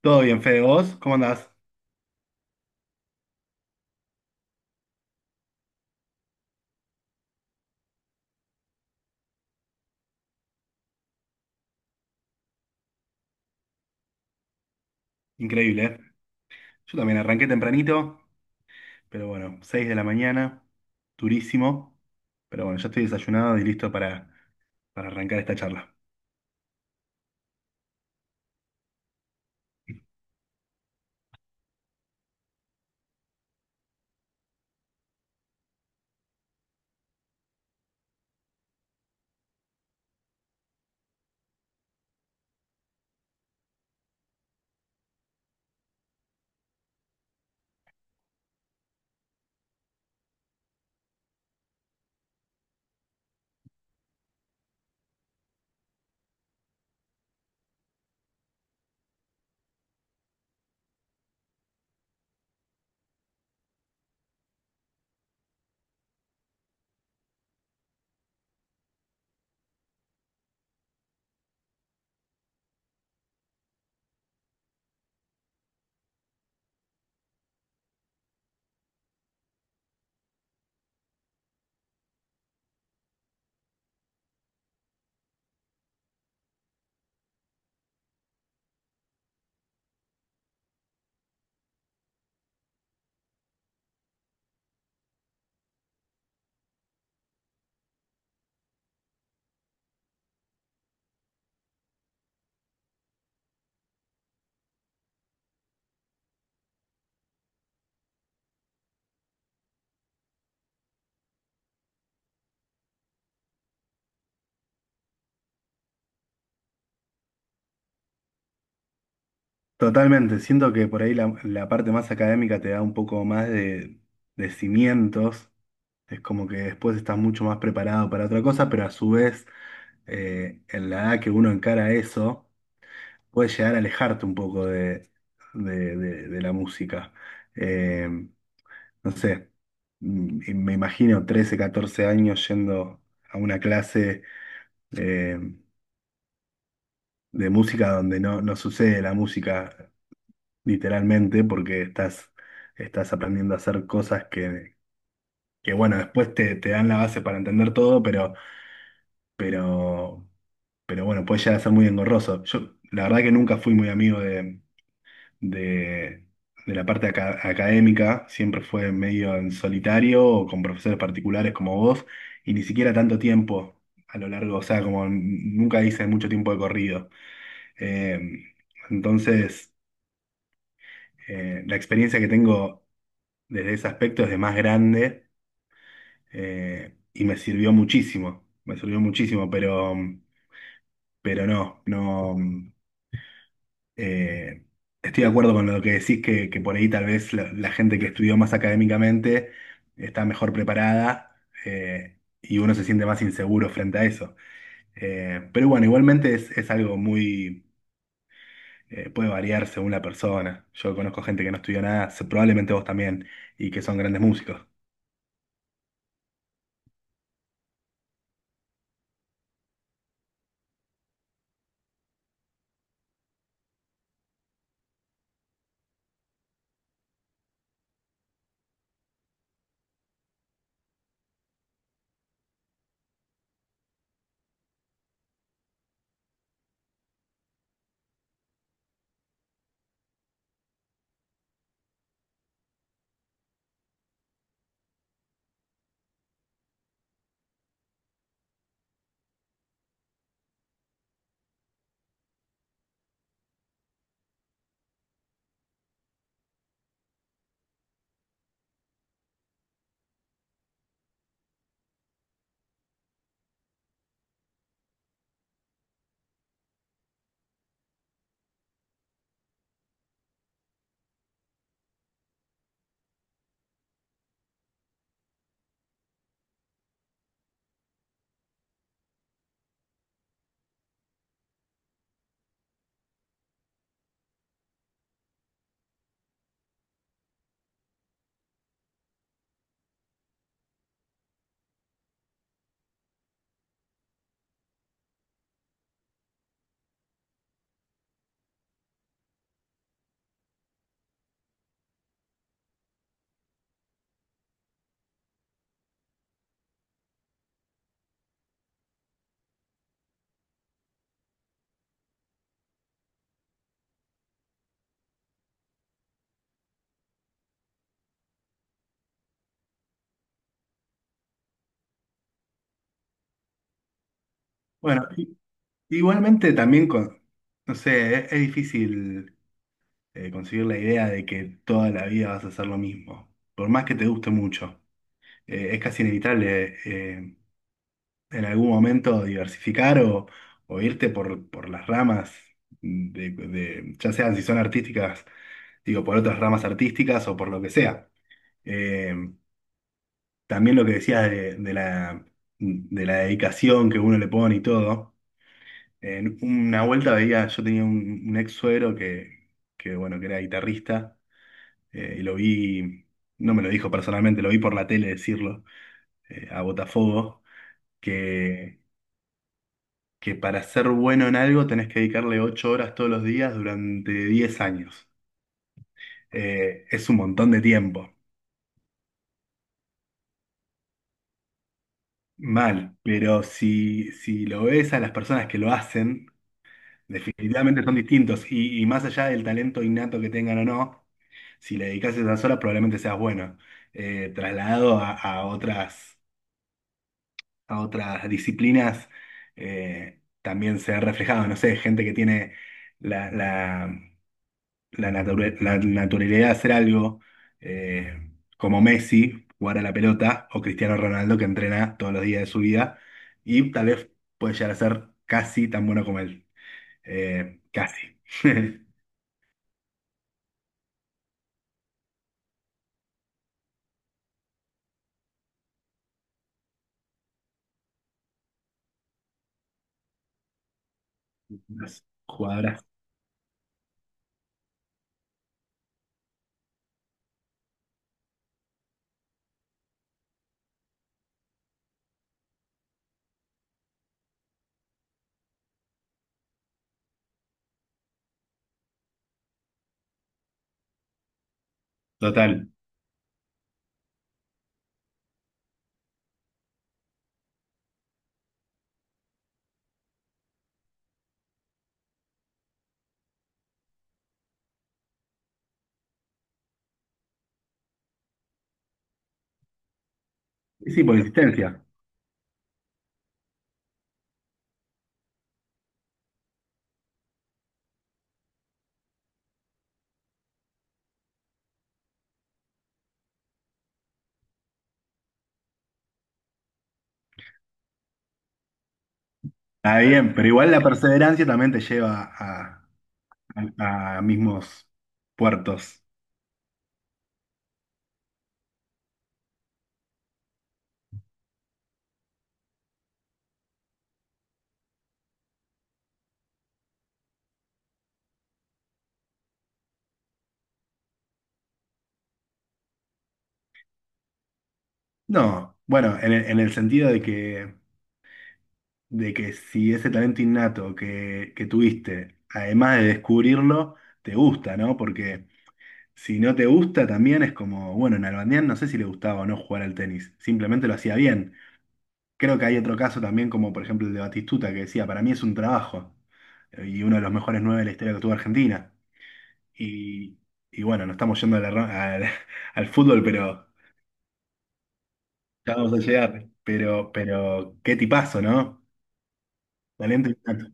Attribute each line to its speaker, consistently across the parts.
Speaker 1: Todo bien, Fede, ¿vos? ¿Cómo andás? Increíble, ¿eh? Yo también arranqué tempranito, pero bueno, 6 de la mañana, durísimo. Pero bueno, ya estoy desayunado y listo para arrancar esta charla. Totalmente, siento que por ahí la parte más académica te da un poco más de cimientos. Es como que después estás mucho más preparado para otra cosa, pero a su vez, en la edad que uno encara eso, puedes llegar a alejarte un poco de la música. Eh, no sé, y me imagino 13, 14 años yendo a una clase eh, de música donde no sucede la música literalmente porque estás aprendiendo a hacer cosas que bueno, después te dan la base para entender todo, pero, pero bueno, puede llegar a ser muy engorroso. Yo la verdad que nunca fui muy amigo de, de la parte académica, siempre fue medio en solitario o con profesores particulares como vos, y ni siquiera tanto tiempo a lo largo, o sea, como nunca hice mucho tiempo de corrido. Eh, entonces, la experiencia que tengo desde ese aspecto es de más grande y me sirvió muchísimo, pero no, no. Eh, Estoy de acuerdo con lo que decís, que por ahí tal vez la gente que estudió más académicamente está mejor preparada y uno se siente más inseguro frente a eso. Pero bueno, igualmente es algo muy, puede variar según la persona. Yo conozco gente que no estudió nada, probablemente vos también, y que son grandes músicos. Bueno, igualmente también, con, no sé, es difícil concebir la idea de que toda la vida vas a hacer lo mismo, por más que te guste mucho. Es casi inevitable en algún momento diversificar o, irte por, las ramas, ya sean si son artísticas, digo, por otras ramas artísticas o por lo que sea. Eh, También lo que decías de la dedicación que uno le pone y todo. En una vuelta veía, yo tenía un ex suegro que, bueno, que era guitarrista y lo vi, no me lo dijo personalmente, lo vi por la tele decirlo, a Botafogo que que para ser bueno en algo tenés que dedicarle 8 horas todos los días durante 10 años. Es un montón de tiempo. Mal, pero si lo ves a las personas que lo hacen, definitivamente son distintos. Y más allá del talento innato que tengan o no, si le dedicas esas horas probablemente seas bueno. Trasladado a otras disciplinas, también se ha reflejado, no sé, gente que tiene la, la la naturalidad de hacer algo eh, como Messi, jugar a la pelota, o Cristiano Ronaldo, que entrena todos los días de su vida, y tal vez puede llegar a ser casi tan bueno como él. Casi. Las jugadoras. Total. Sí, sí, por insistencia. Está bien, pero igual la perseverancia también te lleva a mismos puertos. No, bueno, en el sentido de que si ese talento innato que tuviste, además de descubrirlo, te gusta, ¿no? Porque si no te gusta, también es como, bueno, en Nalbandián no sé si le gustaba o no jugar al tenis, simplemente lo hacía bien. Creo que hay otro caso también, como por ejemplo el de Batistuta, que decía, para mí es un trabajo, y uno de los mejores nueve de la historia que tuvo Argentina. Y, y bueno, no estamos yendo a al fútbol, pero ya vamos a llegar. Pero qué tipazo, ¿no? Talento innato,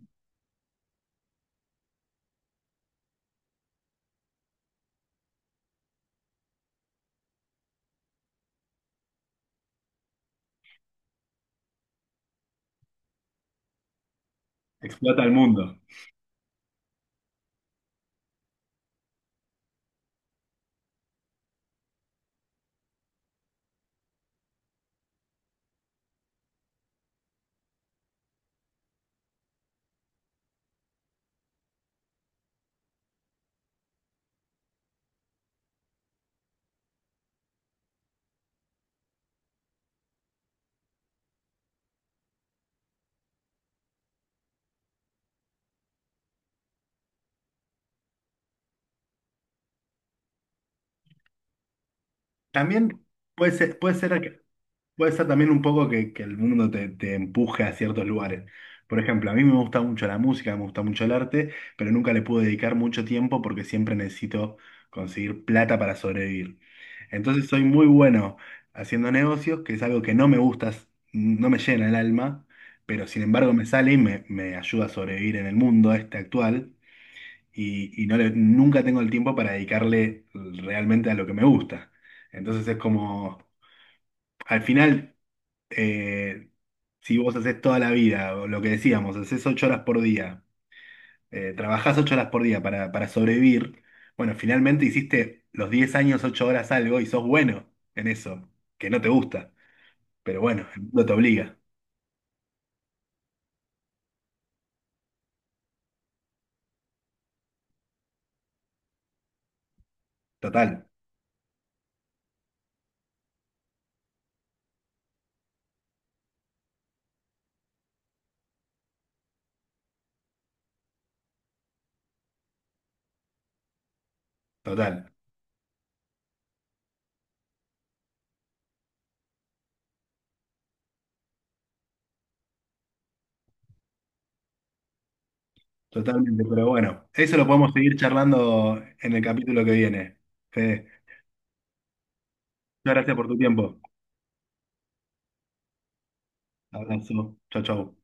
Speaker 1: explota al mundo. También puede ser, puede ser, que- puede ser también un poco que el mundo te empuje a ciertos lugares. Por ejemplo, a mí me gusta mucho la música, me gusta mucho el arte, pero nunca le pude dedicar mucho tiempo porque siempre necesito conseguir plata para sobrevivir. Entonces soy muy bueno haciendo negocios, que es algo que no me gusta, no me llena el alma, pero sin embargo me sale y me ayuda a sobrevivir en el mundo este actual y nunca tengo el tiempo para dedicarle realmente a lo que me gusta. Entonces es como, al final, eh, si vos haces toda la vida, o lo que decíamos, haces 8 horas por día, trabajás 8 horas por día para sobrevivir, bueno, finalmente hiciste los 10 años, 8 horas algo y sos bueno en eso, que no te gusta, pero bueno, el mundo te obliga, total, total. Totalmente, pero bueno, eso lo podemos seguir charlando en el capítulo que viene. Fede, muchas gracias por tu tiempo. Abrazo. Chao, chao.